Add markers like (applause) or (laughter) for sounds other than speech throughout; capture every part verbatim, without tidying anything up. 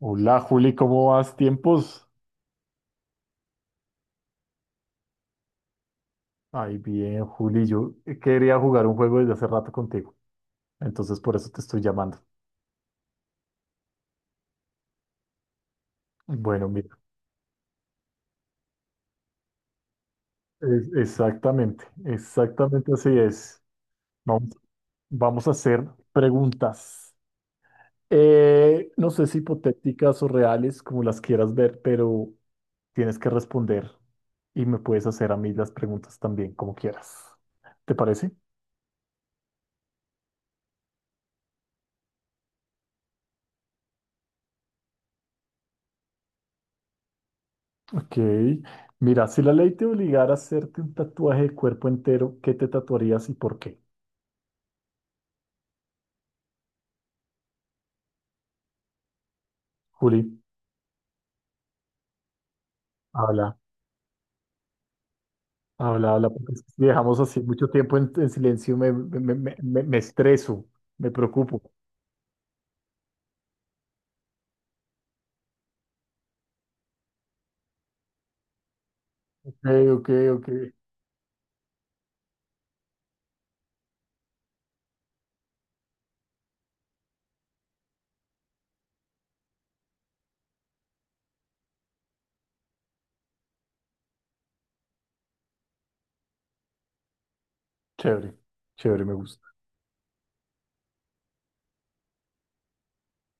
Hola Juli, ¿cómo vas? ¿Tiempos? Ay, bien, Juli, yo quería jugar un juego desde hace rato contigo, entonces por eso te estoy llamando. Bueno, mira, es- exactamente, exactamente así es. Vamos, vamos a hacer preguntas. Eh, no sé si hipotéticas o reales, como las quieras ver, pero tienes que responder y me puedes hacer a mí las preguntas también, como quieras. ¿Te parece? Ok. Mira, si la ley te obligara a hacerte un tatuaje de cuerpo entero, ¿qué te tatuarías y por qué? Juli, habla, habla, habla, porque si dejamos así mucho tiempo en, en silencio, me, me, me, me- me estreso, me preocupo. Ok, ok, ok. Chévere, chévere, me gusta.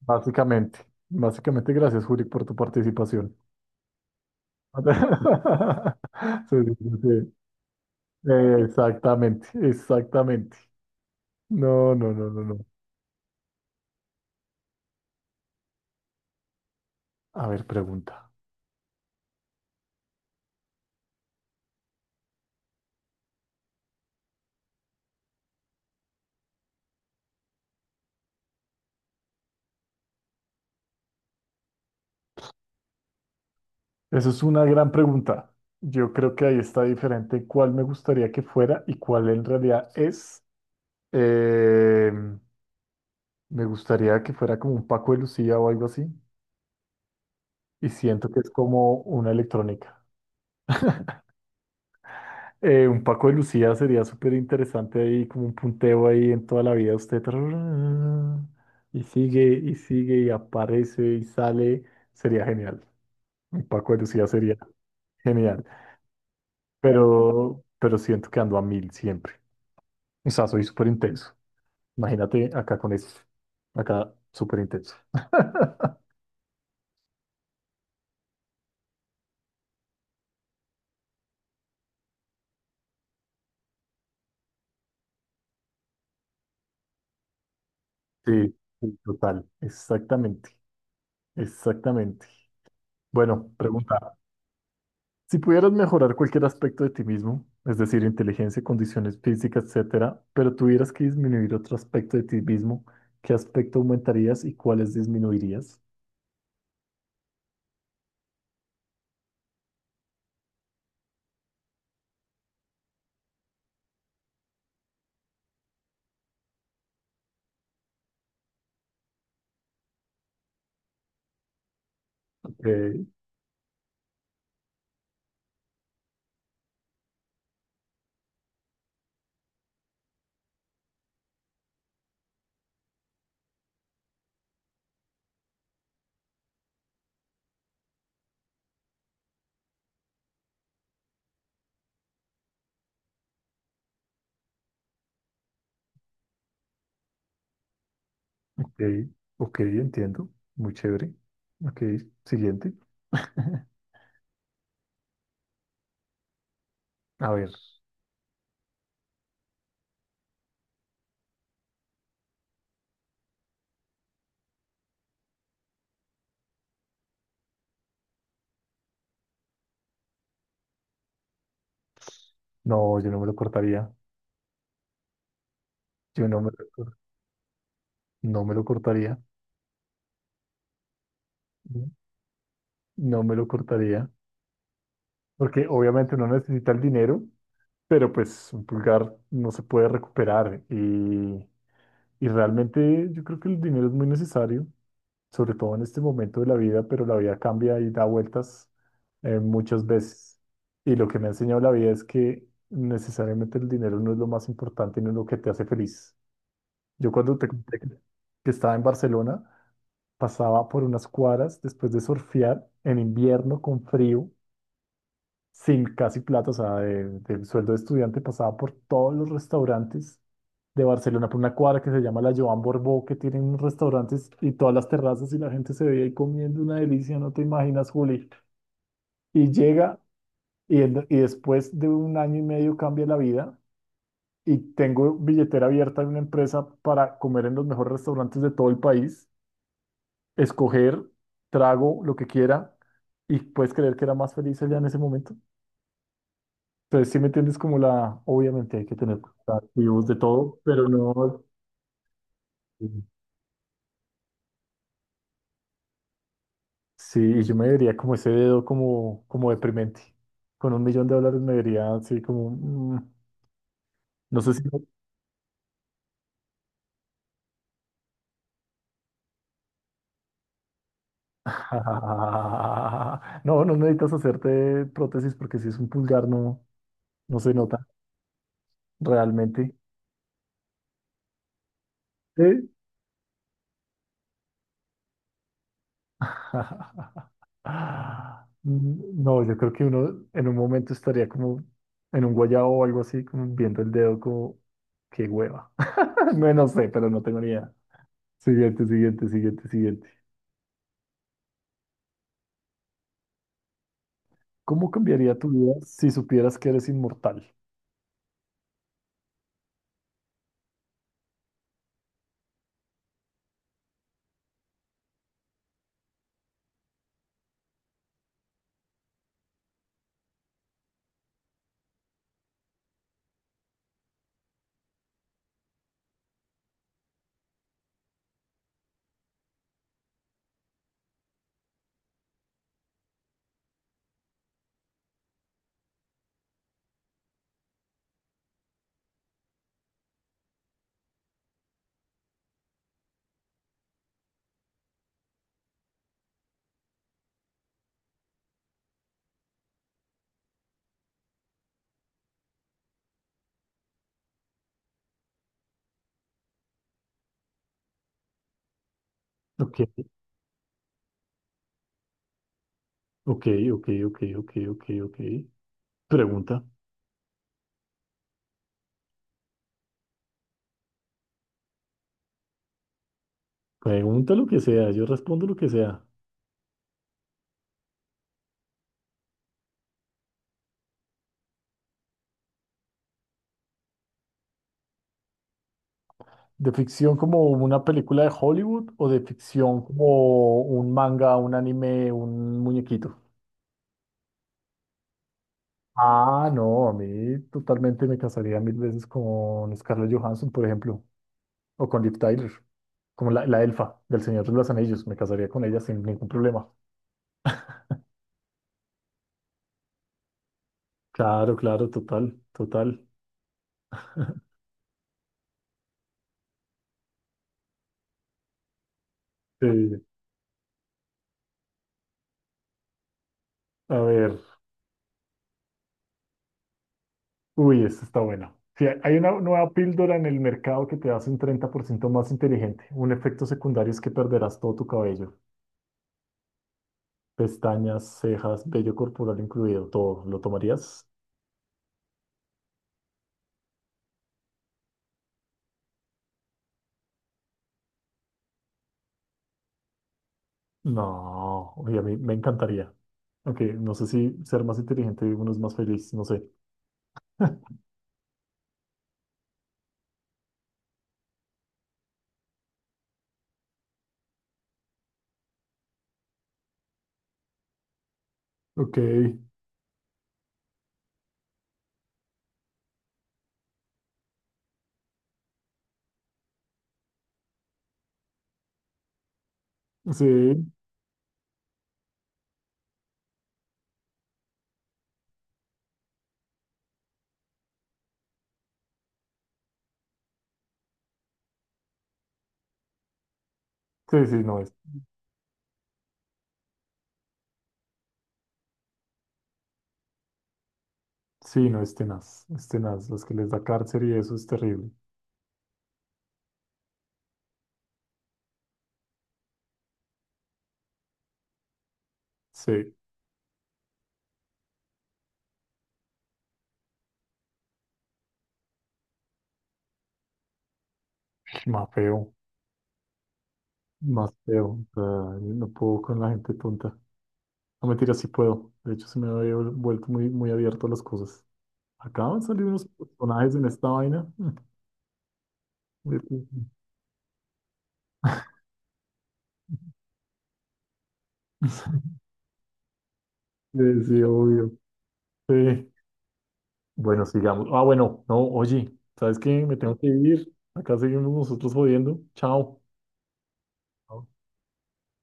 Básicamente, básicamente, gracias, Juli, por tu participación. (laughs) Sí, sí, sí, sí. Eh, Exactamente, exactamente. No, no, no, no, no. A ver, pregunta. Eso es una gran pregunta. Yo creo que ahí está diferente cuál me gustaría que fuera y cuál en realidad es. Eh, Me gustaría que fuera como un Paco de Lucía o algo así. Y siento que es como una electrónica. Eh, un Paco de Lucía sería súper interesante ahí, como un punteo ahí en toda la vida. Usted tararara, y sigue y sigue y aparece y sale. Sería genial. Un Paco de Lucía sería genial. Pero, pero siento que ando a mil siempre. O sea, soy súper intenso. Imagínate acá con eso. Acá súper intenso. (laughs) Sí, sí, total. Exactamente. Exactamente. Bueno, pregunta. Si pudieras mejorar cualquier aspecto de ti mismo, es decir, inteligencia, condiciones físicas, etcétera, pero tuvieras que disminuir otro aspecto de ti mismo, ¿qué aspecto aumentarías y cuáles disminuirías? Ok, ok, ok, entiendo. Muy chévere. Ok, siguiente. (laughs) A ver, no, yo no me lo cortaría. Yo no me lo cortaría. No me lo cortaría. No me lo cortaría. Porque obviamente uno necesita el dinero, pero pues un pulgar no se puede recuperar. Y, y realmente yo creo que el dinero es muy necesario, sobre todo en este momento de la vida, pero la vida cambia y da vueltas eh, muchas veces. Y lo que me ha enseñado la vida es que necesariamente el dinero no es lo más importante, no es lo que te hace feliz. Yo cuando te conté que que estaba en Barcelona, pasaba por unas cuadras después de surfear en invierno con frío, sin casi plata, o sea, de- del sueldo de estudiante pasaba por todos los restaurantes de Barcelona, por una cuadra que se llama la Joan Borbó, que tienen unos restaurantes y todas las terrazas y la gente se veía ahí comiendo una delicia, no te imaginas, Juli. Y llega y, en- y después de un año y medio cambia la vida. Y tengo billetera abierta en una empresa para comer en los mejores restaurantes de todo el país escoger, trago lo que quiera y puedes creer que era más feliz allá en ese momento. Entonces, si me entiendes como la, obviamente hay que tener activos de todo, pero no. Sí, y yo me vería como ese dedo como, como deprimente. Con un millón de dólares me vería así como, mm, no sé si... (laughs) No, no necesitas hacerte prótesis porque si es un pulgar no, no se nota realmente. Sí. (laughs) Ah, no, yo creo que uno en un momento estaría como en un guayabo o algo así, como viendo el dedo como, qué hueva. (laughs) No, no sé, pero no tengo ni idea. Siguiente, siguiente, siguiente, siguiente. ¿Cómo cambiaría tu vida si supieras que eres inmortal? Ok, ok, ok, ok, ok, ok, ok. Pregunta. Pregunta lo que sea, yo respondo lo que sea. ¿De ficción como una película de Hollywood o de ficción como un manga, un anime, un muñequito? Ah, no, a mí totalmente me casaría mil veces con Scarlett Johansson, por ejemplo, o con Liv Tyler, como la, la elfa del Señor de los Anillos. Me casaría con ella sin ningún problema. Claro, claro, total, total. Sí, a ver, uy, esta está buena. Si hay una nueva píldora en el mercado que te hace un treinta por ciento más inteligente. Un efecto secundario es que perderás todo tu cabello, pestañas, cejas, vello corporal incluido, todo. ¿Lo tomarías? No, oye, a mí me encantaría. Ok, no sé si ser más inteligente uno es más feliz, no sé. Ok, sí, sí, sí, no es. Sí, no es tenaz, es tenaz. Los que les da cárcel y eso es terrible. Sí, más feo, más feo. O sea, no puedo con la gente tonta. No, mentira, sí puedo. De hecho, se me había vuel- vuelto muy, muy abierto a las cosas. Acaban de salir unos personajes en esta vaina. (laughs) Sí, sí, sí, (laughs) sí, obvio. Sí, bueno, sigamos. Ah, bueno, no, oye, ¿sabes qué? Me tengo que ir. Acá seguimos nosotros jodiendo. Chao.